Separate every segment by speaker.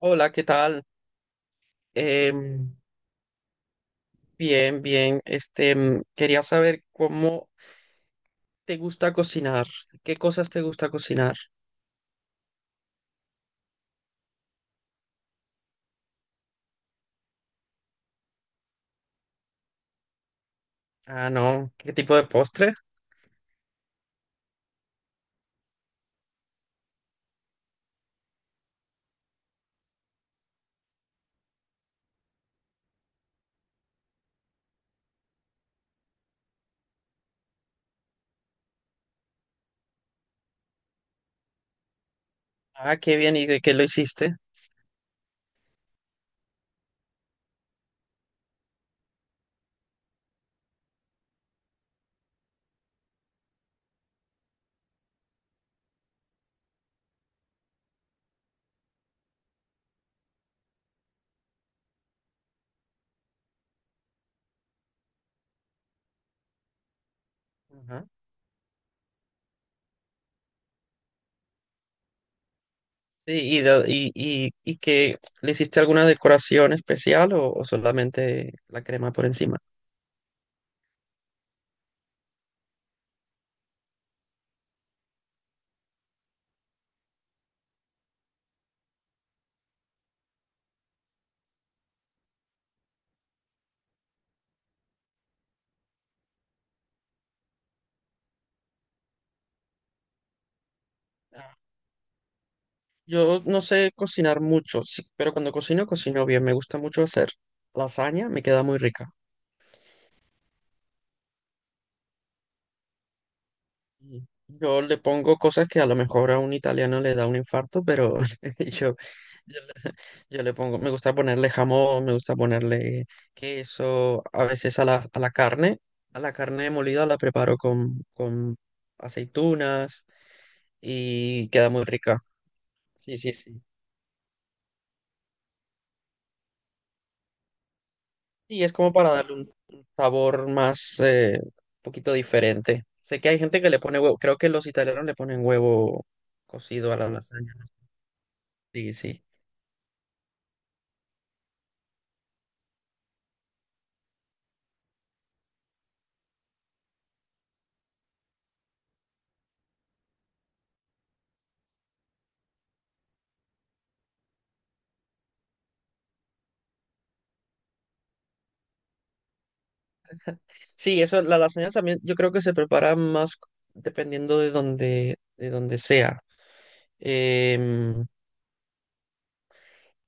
Speaker 1: Hola, ¿qué tal? Em, bien, bien. Quería saber cómo te gusta cocinar. ¿Qué cosas te gusta cocinar? Ah, no. ¿Qué tipo de postre? Ah, qué bien. ¿Y de qué lo hiciste? Ajá. Sí, y que le hiciste alguna decoración especial o solamente la crema por encima. Ah, yo no sé cocinar mucho, sí, pero cuando cocino, cocino bien. Me gusta mucho hacer lasaña, me queda muy rica. Yo le pongo cosas que a lo mejor a un italiano le da un infarto, pero yo, yo, le yo le pongo, me gusta ponerle jamón, me gusta ponerle queso, a veces a a la carne molida la preparo con aceitunas y queda muy rica. Sí, sí, sí. Y es como para darle un sabor más, un poquito diferente. Sé que hay gente que le pone huevo, creo que los italianos le ponen huevo cocido a la lasaña, ¿no? Sí, sí. Sí, eso, la lasaña también yo creo que se prepara más dependiendo de de donde sea. Em,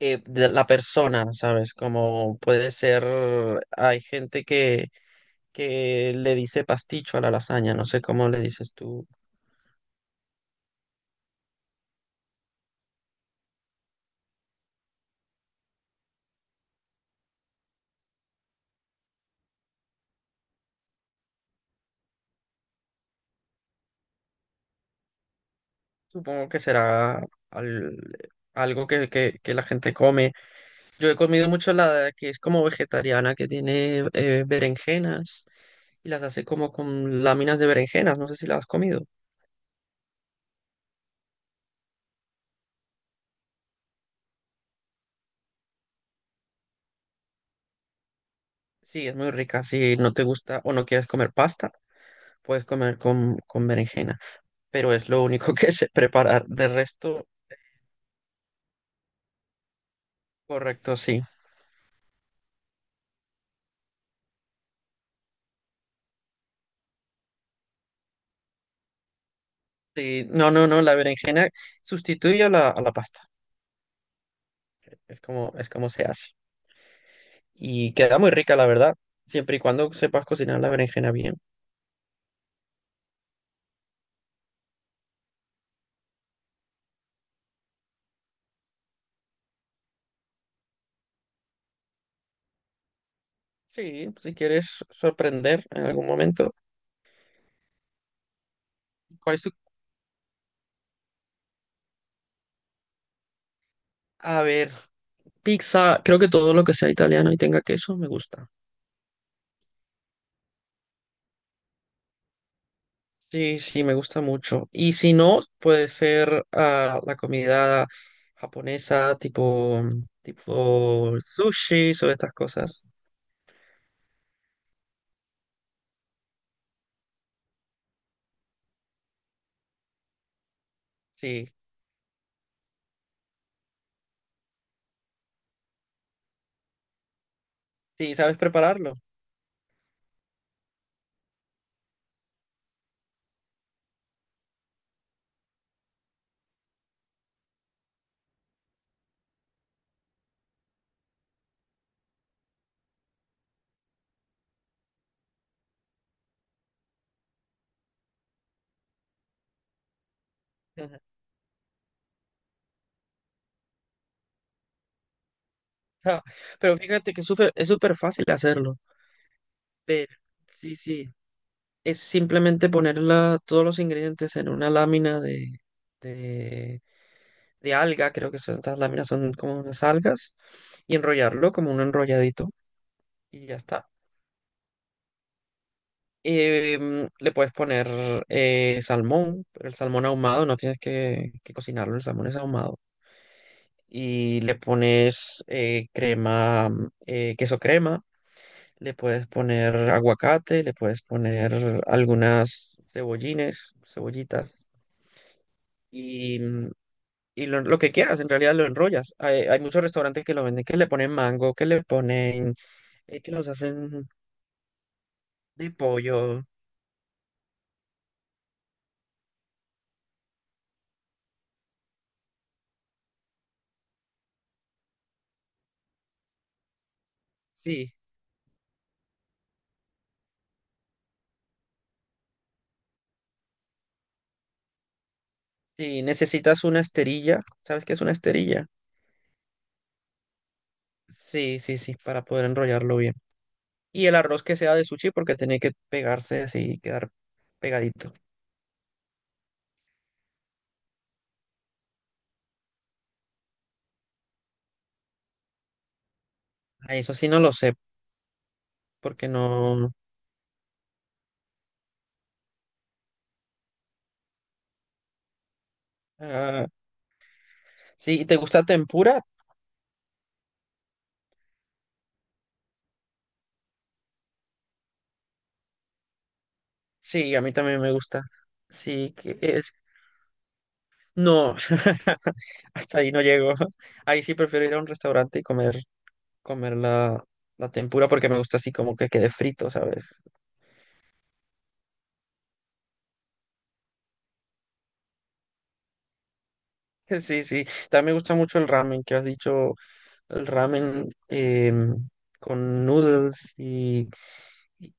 Speaker 1: de la persona, ¿sabes? Como puede ser, hay gente que le dice pasticho a la lasaña, no sé cómo le dices tú. Supongo que será al- algo que la gente come. Yo he comido mucho la que es como vegetariana, que tiene berenjenas y las hace como con láminas de berenjenas, no sé si la has comido. Sí, es muy rica. Si no te gusta o no quieres comer pasta, puedes comer con berenjena, pero es lo único que sé preparar. De resto, correcto, sí. Sí, no, no, no, la berenjena sustituye a a la pasta. Es como se hace. Y queda muy rica, la verdad, siempre y cuando sepas cocinar la berenjena bien. Sí, si quieres sorprender en algún momento. ¿Cuál es tu... A ver, pizza, creo que todo lo que sea italiano y tenga queso me gusta. Sí, sí, me gusta mucho. Y si no, puede ser la comida japonesa, tipo sushi o estas cosas. Sí, sí, sabes prepararlo. Ja, pero fíjate que es súper fácil hacerlo. Pero, sí, sí, es simplemente poner todos los ingredientes en una lámina de, de alga, creo que son, estas láminas son como unas algas, y enrollarlo como un enrolladito, y ya está. Le puedes poner salmón, pero el salmón ahumado, no tienes que cocinarlo, el salmón es ahumado. Y le pones crema, queso crema, le puedes poner aguacate, le puedes poner algunas cebollines, cebollitas, y, mm, y lo que quieras, en realidad lo enrollas. Hay muchos restaurantes que lo venden, que le ponen mango, que le ponen, que los hacen de pollo. Sí, sí, necesitas una esterilla. ¿Sabes qué es una esterilla? Sí, sí, sí, para poder enrollarlo bien. Y el arroz que sea de sushi porque tiene que pegarse así y quedar pegadito. Ah, eso sí no lo sé, porque no... ah, sí, ¿te gusta tempura? Sí, a mí también me gusta. Sí, que es... No, hasta ahí no llego. Ahí sí prefiero ir a un restaurante y comer, comer la tempura porque me gusta así como que quede frito, ¿sabes? Sí, sí. También me gusta mucho el ramen que has dicho, el ramen con noodles y-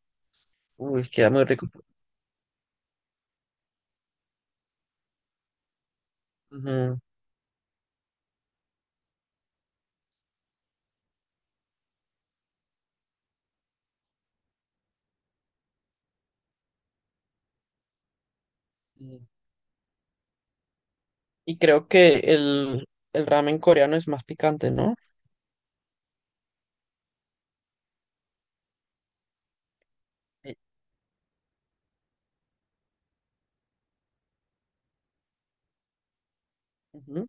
Speaker 1: uy, queda muy rico. Ujú. Y y creo que el ramen coreano es más picante, ¿no? Eh, ujú.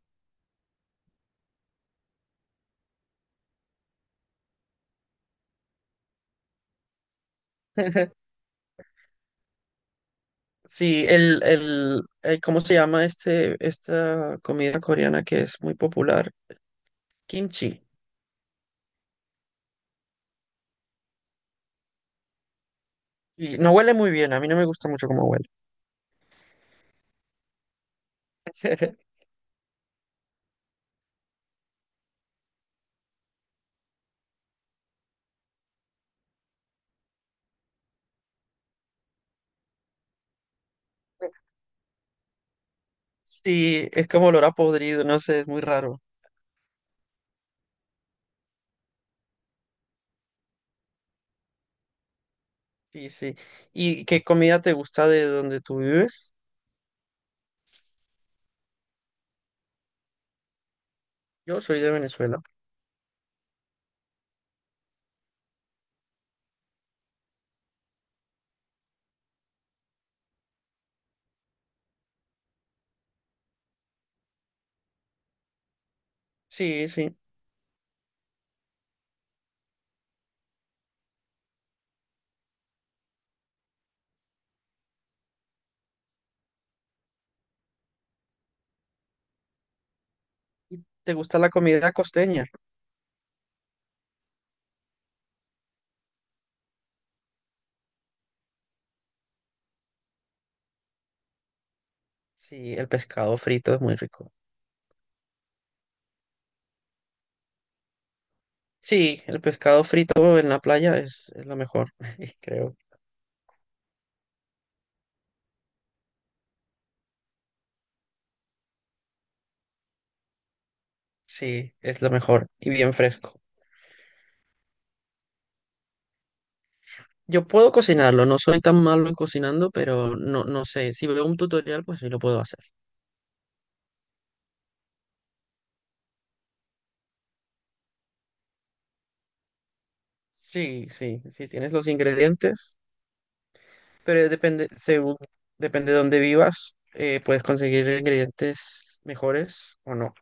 Speaker 1: Sí, ¿cómo se llama esta comida coreana que es muy popular? Kimchi. Y no huele muy bien, a mí no me gusta mucho cómo huele. Sí, es como olor a podrido, no sé, es muy raro. Sí, sí. ¿Y qué comida te gusta de donde tú vives? Yo soy de Venezuela. Sí, sí. ¿Y te gusta la comida costeña? Sí, el pescado frito es muy rico. Sí, el pescado frito en la playa es lo mejor, creo. Sí, es lo mejor y bien fresco. Yo puedo cocinarlo, no soy tan malo en cocinando, pero no, no sé. Si veo un tutorial, pues sí lo puedo hacer. Sí, sí, sí, tienes los ingredientes, pero depende, depende de dónde vivas, puedes conseguir ingredientes mejores o no.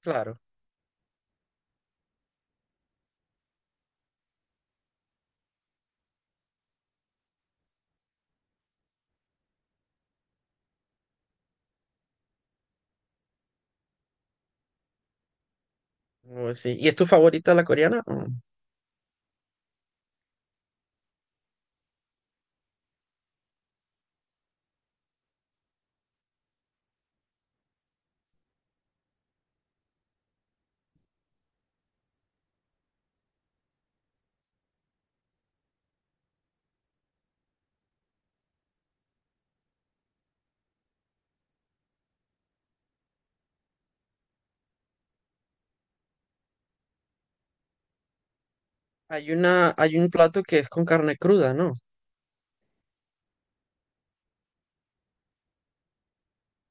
Speaker 1: Claro. Oh, sí. ¿Y es tu favorita la coreana? Mm. Hay una, hay un plato que es con carne cruda, ¿no?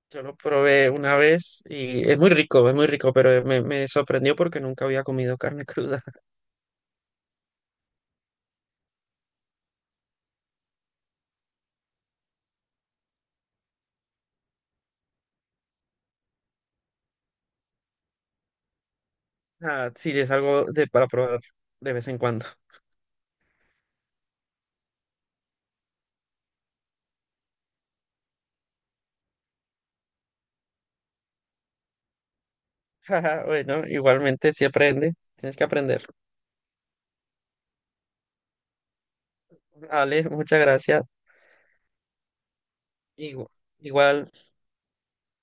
Speaker 1: Yo lo probé una vez y es muy rico, pero me sorprendió porque nunca había comido carne cruda. Ah, sí, es algo de, para probar de vez en cuando. Ajá, bueno, igualmente si aprende, tienes que aprender. Ale, muchas gracias. Igu- Igual.